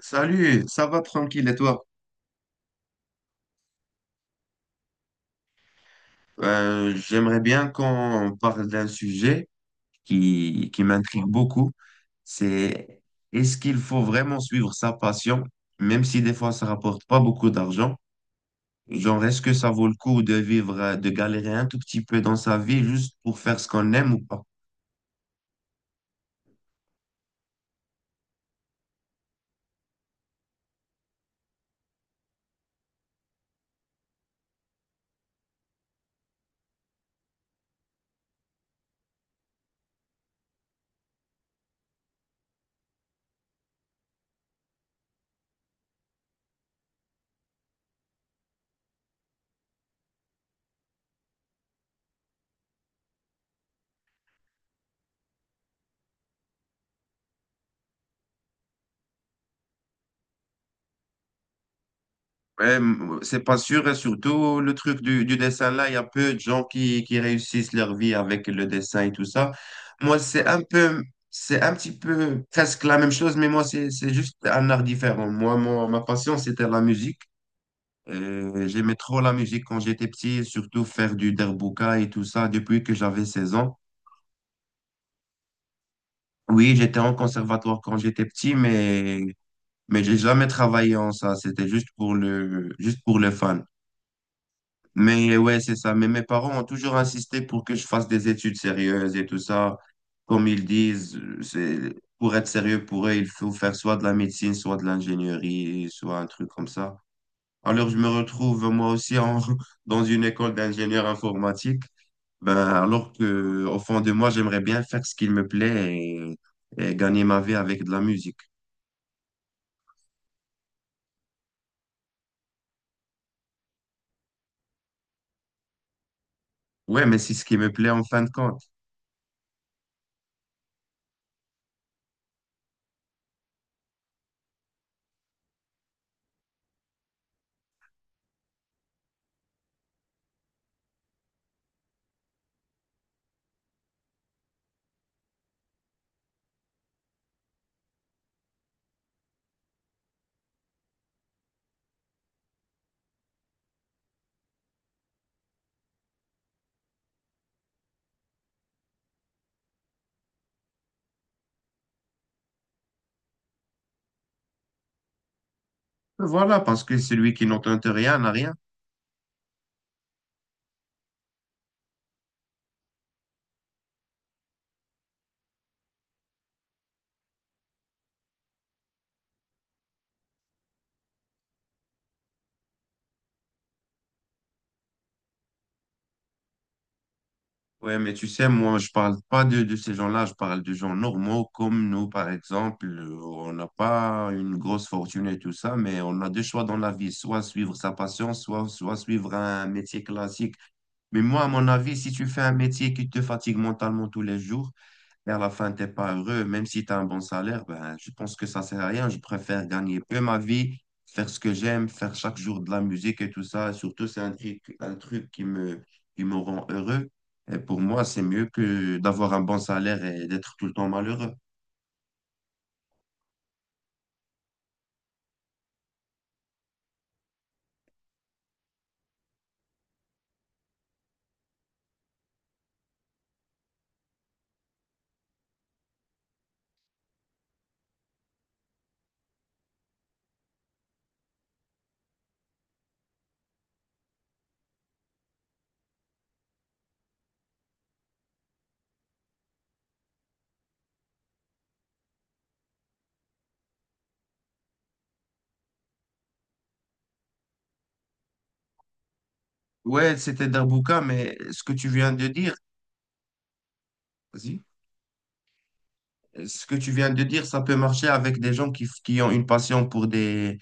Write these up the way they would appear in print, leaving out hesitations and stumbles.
Salut, ça va tranquille et toi? J'aimerais bien qu'on parle d'un sujet qui m'intrigue beaucoup. C'est Est-ce qu'il faut vraiment suivre sa passion, même si des fois ça rapporte pas beaucoup d'argent? Genre, est-ce que ça vaut le coup de vivre, de galérer un tout petit peu dans sa vie juste pour faire ce qu'on aime ou pas? Ouais, c'est pas sûr, et surtout le truc du dessin là, il y a peu de gens qui réussissent leur vie avec le dessin et tout ça. Moi, c'est un peu, C'est un petit peu presque la même chose, mais moi, c'est juste un art différent. Moi, ma passion, c'était la musique. J'aimais trop la musique quand j'étais petit, surtout faire du derbuka et tout ça depuis que j'avais 16 ans. Oui, j'étais en conservatoire quand j'étais petit, mais j'ai jamais travaillé en ça. C'était juste pour le fun. Mais ouais, c'est ça. Mais mes parents ont toujours insisté pour que je fasse des études sérieuses et tout ça. Comme ils disent, pour être sérieux pour eux, il faut faire soit de la médecine, soit de l'ingénierie, soit un truc comme ça. Alors, je me retrouve moi aussi en, dans une école d'ingénieur informatique. Ben, alors que, au fond de moi, j'aimerais bien faire ce qui me plaît et gagner ma vie avec de la musique. Ouais, mais c'est ce qui me plaît en fin de compte. Voilà, parce que celui qui n'entend rien n'a rien. Ouais, mais tu sais, moi, je parle pas de ces gens-là, je parle de gens normaux comme nous, par exemple. On n'a pas une grosse fortune et tout ça, mais on a deux choix dans la vie, soit suivre sa passion, soit suivre un métier classique. Mais moi, à mon avis, si tu fais un métier qui te fatigue mentalement tous les jours, et à la fin, t'es pas heureux, même si tu as un bon salaire, ben, je pense que ça sert à rien. Je préfère gagner peu ma vie, faire ce que j'aime, faire chaque jour de la musique et tout ça. Et surtout, c'est un truc qui me rend heureux. Et pour moi, c'est mieux que d'avoir un bon salaire et d'être tout le temps malheureux. Ouais, c'était Darbuka, mais ce que tu viens de dire, vas-y. Ce que tu viens de dire, ça peut marcher avec des gens qui, qui ont une passion pour des,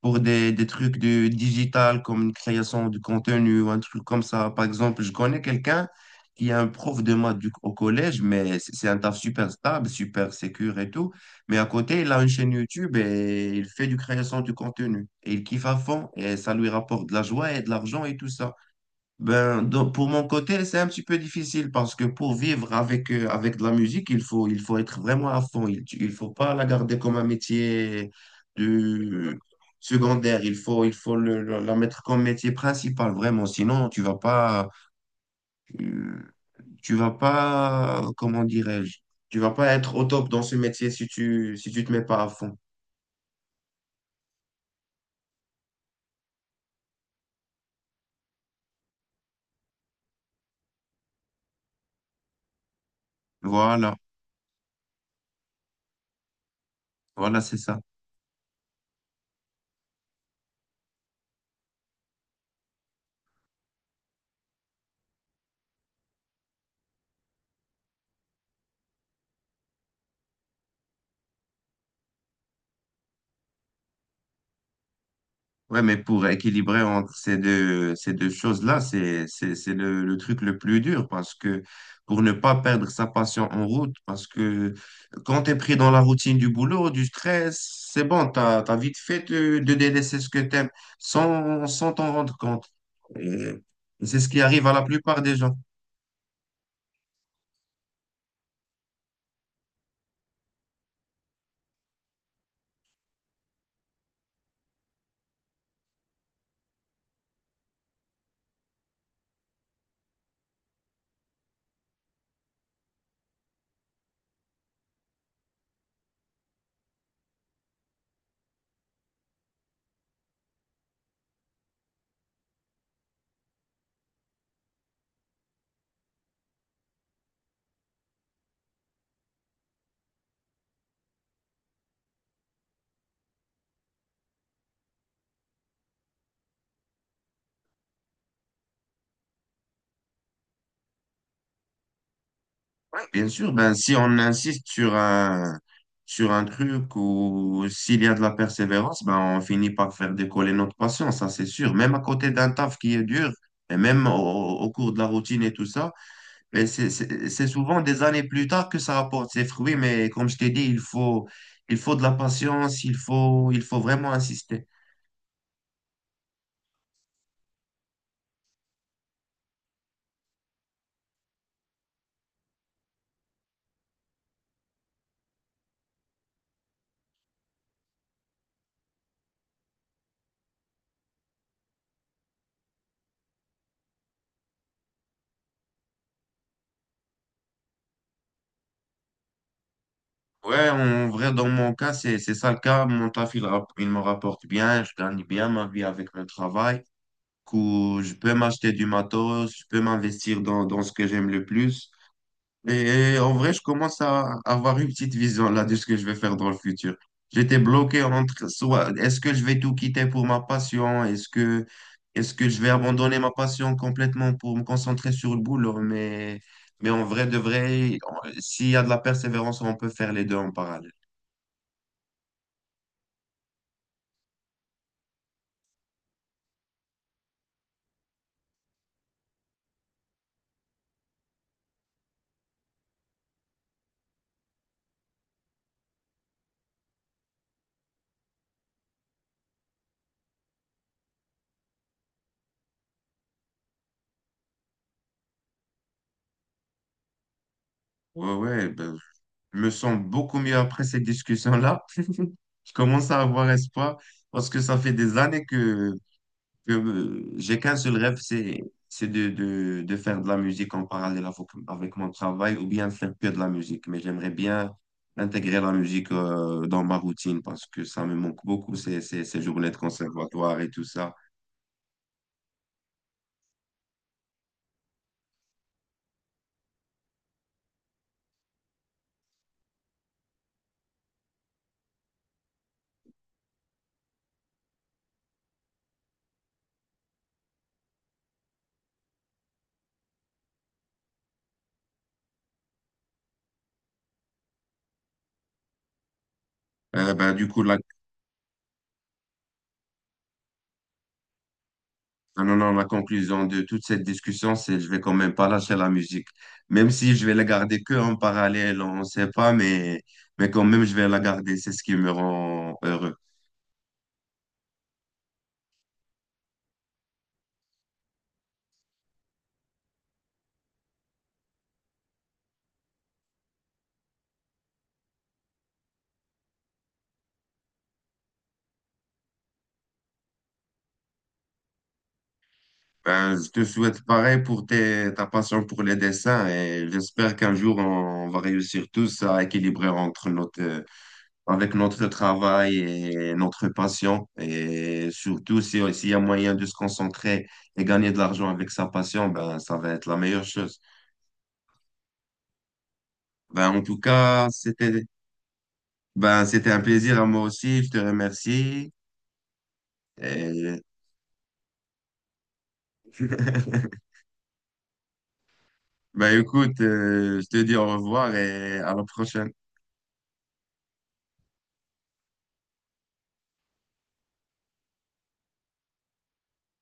des trucs de digital comme une création de contenu ou un truc comme ça. Par exemple, je connais quelqu'un qui est un prof de maths au collège, mais c'est un taf super stable, super sécure et tout. Mais à côté, il a une chaîne YouTube et il fait du création de contenu. Et il kiffe à fond et ça lui rapporte de la joie et de l'argent et tout ça. Ben, donc, pour mon côté, c'est un petit peu difficile parce que pour vivre avec, avec de la musique, il faut être vraiment à fond. Il ne faut pas la garder comme un métier de, secondaire. Il faut la mettre comme métier principal, vraiment. Sinon, euh, tu vas pas, comment dirais-je, tu vas pas être au top dans ce métier si tu te mets pas à fond. Voilà, voilà, c'est ça. Ouais, mais pour équilibrer entre ces deux choses-là, c'est le truc le plus dur parce que pour ne pas perdre sa passion en route, parce que quand tu es pris dans la routine du boulot, du stress, c'est bon, tu as, vite fait de délaisser ce que tu aimes sans t'en rendre compte. Et C'est ce qui arrive à la plupart des gens. Ouais, bien sûr, ben, si on insiste sur un truc ou s'il y a de la persévérance, ben, on finit par faire décoller notre passion, ça c'est sûr. Même à côté d'un taf qui est dur, et même au cours de la routine et tout ça, mais c'est souvent des années plus tard que ça rapporte ses fruits. Mais comme je t'ai dit, il faut de la patience, il faut vraiment insister. Ouais, en vrai, dans mon cas, c'est ça le cas. Mon taf, il me rapporte bien, je gagne bien ma vie avec mon travail. Où je peux m'acheter du matos, je peux m'investir dans ce que j'aime le plus. Et, en vrai, je commence à avoir une petite vision là de ce que je vais faire dans le futur. J'étais bloqué entre soit est-ce que je vais tout quitter pour ma passion, est-ce que je vais abandonner ma passion complètement pour me concentrer sur le boulot, mais en vrai de vrai, s'il y a de la persévérance, on peut faire les deux en parallèle. Ouais, ouais, ben, je me sens beaucoup mieux après cette discussion-là. Je commence à avoir espoir parce que ça fait des années que j'ai qu'un seul rêve, c'est de faire de la musique en parallèle avec, avec mon travail ou bien faire que de la musique. Mais j'aimerais bien intégrer la musique dans ma routine parce que ça me manque beaucoup ces journées de conservatoire et tout ça. Euh, ben, du coup, là, Ah non, non, la conclusion de toute cette discussion, c'est je vais quand même pas lâcher la musique. Même si je vais la garder que en parallèle, on ne sait pas, mais quand même, je vais la garder. C'est ce qui me rend heureux. Ben, je te souhaite pareil pour ta passion pour les dessins et j'espère qu'un jour, on va réussir tous à équilibrer entre avec notre travail et notre passion. Et surtout, si, s'il y a moyen de se concentrer et gagner de l'argent avec sa passion, ben, ça va être la meilleure chose. Ben, en tout cas, c'était un plaisir à moi aussi. Je te remercie. Et... ben, écoute, je te dis au revoir et à la prochaine.